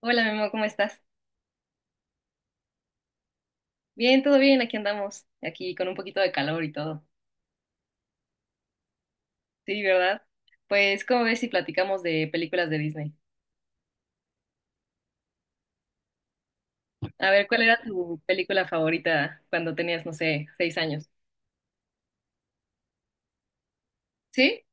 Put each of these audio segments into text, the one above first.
Hola, Memo, ¿cómo estás? Bien, todo bien, aquí andamos, aquí con un poquito de calor y todo. Sí, ¿verdad? Pues, ¿cómo ves si platicamos de películas de Disney? A ver, ¿cuál era tu película favorita cuando tenías, no sé, 6 años? Sí,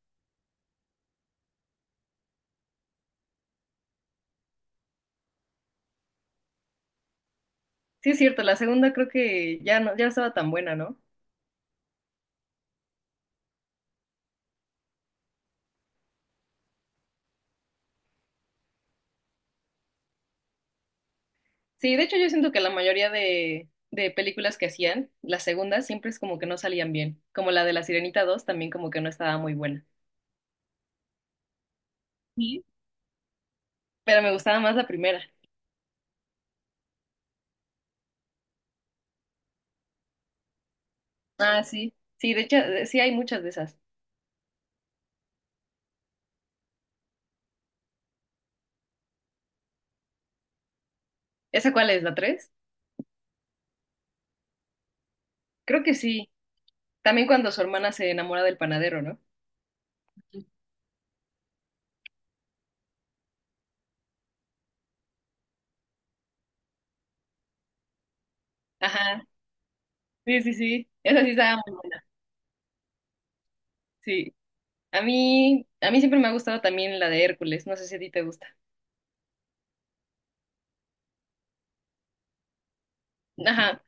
sí es cierto, la segunda creo que ya no estaba tan buena, ¿no? Sí, de hecho yo siento que la mayoría de películas que hacían, las segundas siempre es como que no salían bien, como la de La Sirenita 2 también como que no estaba muy buena. Sí. Pero me gustaba más la primera. Ah, sí, sí, de hecho, sí hay muchas de esas. ¿Esa cuál es? ¿La tres? Creo que sí. También cuando su hermana se enamora del panadero, ¿no? Ajá. Sí, sí, sí. Esa sí estaba muy buena. Sí. A mí siempre me ha gustado también la de Hércules. No sé si a ti te gusta. Ajá.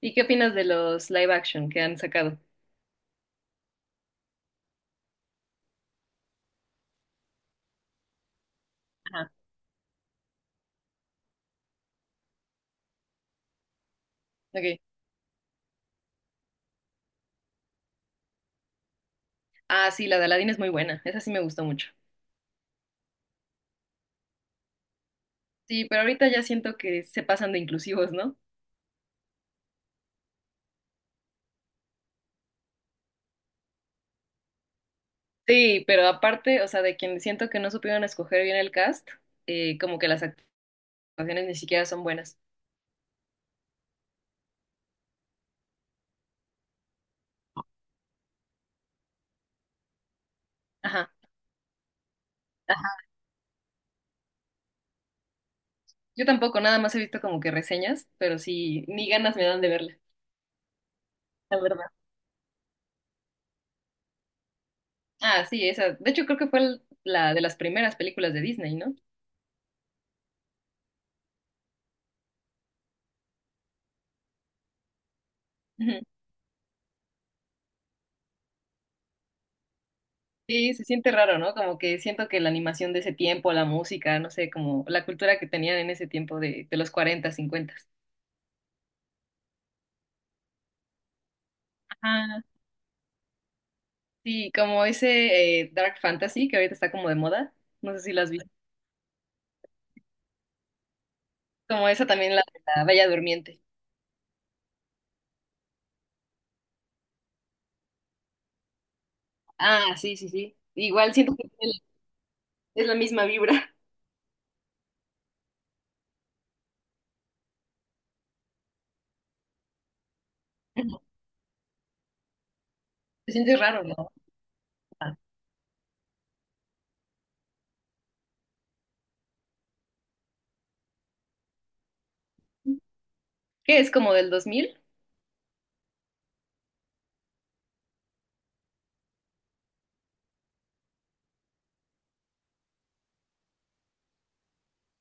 ¿Y qué opinas de los live action que han sacado? Ajá. Ok. Ah, sí, la de Aladdin es muy buena. Esa sí me gustó mucho. Sí, pero ahorita ya siento que se pasan de inclusivos, ¿no? Sí, pero aparte, o sea, de quien siento que no supieron escoger bien el cast, como que las actuaciones ni siquiera son buenas. Ajá. Yo tampoco, nada más he visto como que reseñas, pero sí, ni ganas me dan de verla, la verdad. Ah, sí, esa. De hecho, creo que fue la de las primeras películas de Disney, ¿no? Ujú. Sí, se siente raro, ¿no? Como que siento que la animación de ese tiempo, la música, no sé, como la cultura que tenían en ese tiempo de los 40, 50. Ajá. Sí, como ese Dark Fantasy que ahorita está como de moda. No sé si lo has visto. Como esa también, la de la Bella Durmiente. Ah, sí, sí, sí. Igual siento que es la misma vibra. Se siente raro, ¿no? Ah, que es como del 2000.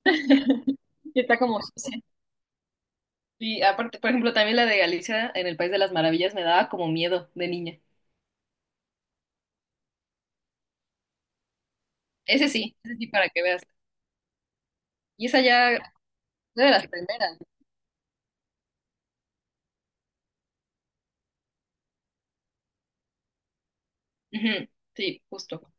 Y está como sucia. Y aparte, por ejemplo, también la de Alicia en el País de las Maravillas me daba como miedo de niña. Ese sí, para que veas. Y esa ya fue de las primeras. Ujú. Sí, justo.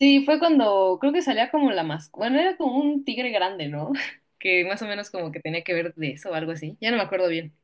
Sí, fue cuando creo que salía como la más. Bueno, era como un tigre grande, ¿no? Que más o menos como que tenía que ver de eso o algo así. Ya no me acuerdo bien.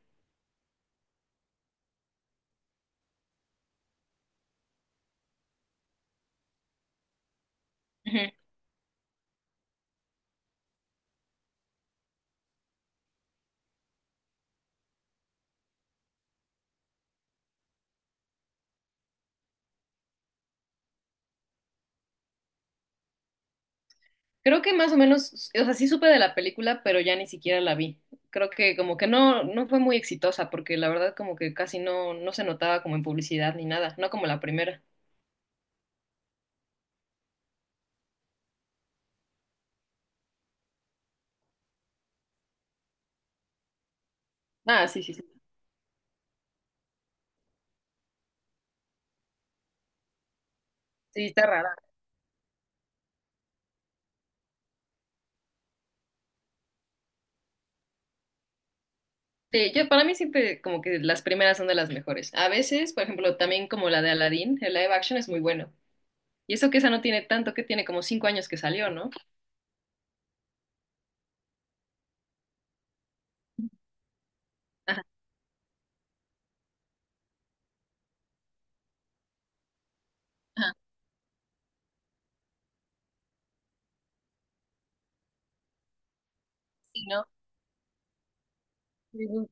Creo que más o menos, o sea, sí supe de la película, pero ya ni siquiera la vi. Creo que como que no, no fue muy exitosa, porque la verdad como que casi no, no se notaba como en publicidad ni nada, no como la primera. Ah, sí, sí, sí. Sí, está rara. Sí, yo para mí siempre como que las primeras son de las mejores. A veces, por ejemplo, también como la de Aladdin, el live action es muy bueno. Y eso que esa no tiene tanto, que tiene como 5 años que salió, ¿no? Ajá, ajá. Sí, ¿no?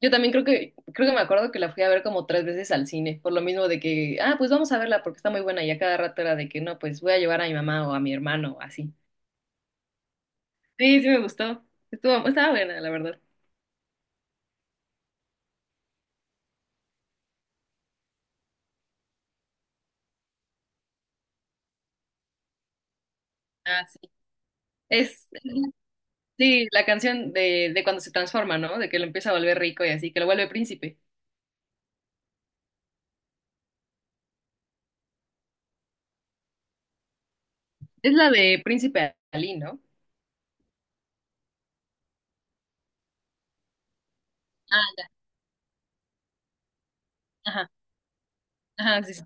Yo también creo que, me acuerdo que la fui a ver como 3 veces al cine, por lo mismo de que, ah, pues vamos a verla porque está muy buena y a cada rato era de que no, pues voy a llevar a mi mamá o a mi hermano, o así. Sí, sí me gustó. Estaba buena, la verdad. Ah, sí. Es, sí, la canción de cuando se transforma, ¿no? De que lo empieza a volver rico y así, que lo vuelve príncipe. Es la de Príncipe Ali, ¿no? Ah, ya. Ajá, ajá, sí, sí.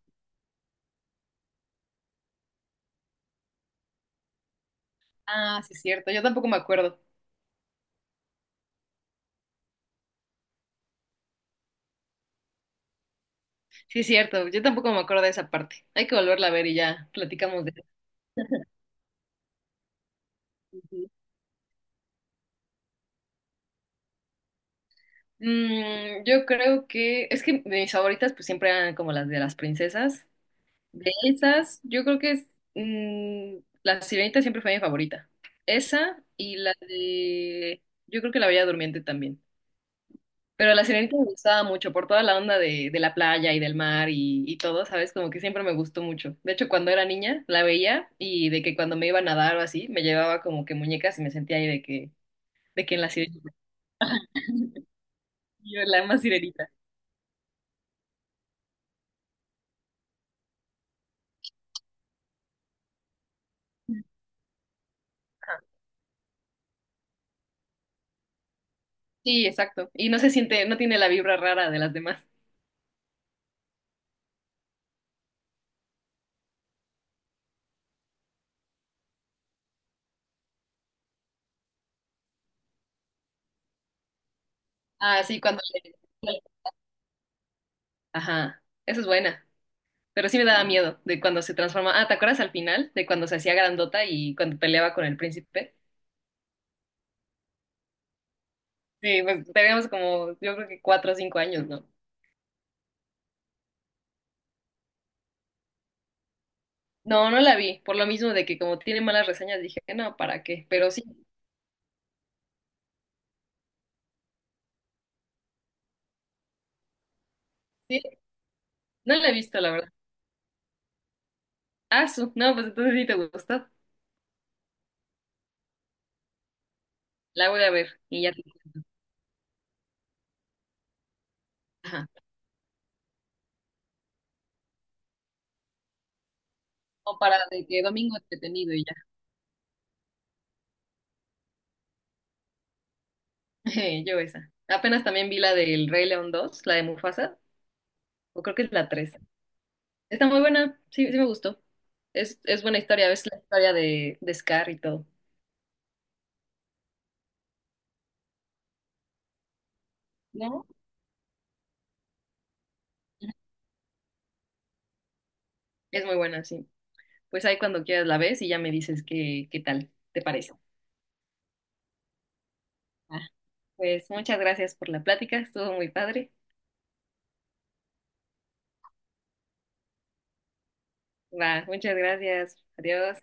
Ah, sí, es cierto. Yo tampoco me acuerdo. Sí, es cierto. Yo tampoco me acuerdo de esa parte. Hay que volverla a ver y ya platicamos de eso. Yo creo que es que mis favoritas pues siempre eran como las de las princesas. De esas, yo creo que la Sirenita siempre fue mi favorita. Esa y la de, yo creo que la Bella Durmiente también. Pero la Sirenita me gustaba mucho por toda la onda de la playa y del mar y todo, ¿sabes? Como que siempre me gustó mucho. De hecho, cuando era niña la veía y de que cuando me iba a nadar o así, me llevaba como que muñecas y me sentía ahí de que en la Sirenita, yo la más Sirenita. Sí, exacto. Y no se siente, no tiene la vibra rara de las demás. Ah, sí, cuando le... Ajá, esa es buena. Pero sí me daba miedo de cuando se transforma. Ah, ¿te acuerdas al final de cuando se hacía grandota y cuando peleaba con el príncipe? Sí, pues teníamos como, yo creo que 4 o 5 años, ¿no? No, no la vi. Por lo mismo de que como tiene malas reseñas, dije, no, ¿para qué? Pero sí, sí, no la he visto, la verdad. Ah, no, pues entonces sí te gustó. La voy a ver y ya te cuento. Ajá. Como para de que domingo entretenido y ya. Yo esa. Apenas también vi la del Rey León 2, la de Mufasa, o creo que es la tres. Está muy buena, sí, sí me gustó. Es buena historia, ves la historia de Scar y todo. ¿No? Es muy buena, sí. Pues ahí cuando quieras la ves y ya me dices qué, tal te parece. Ah, pues muchas gracias por la plática, estuvo muy padre. Va, muchas gracias. Adiós.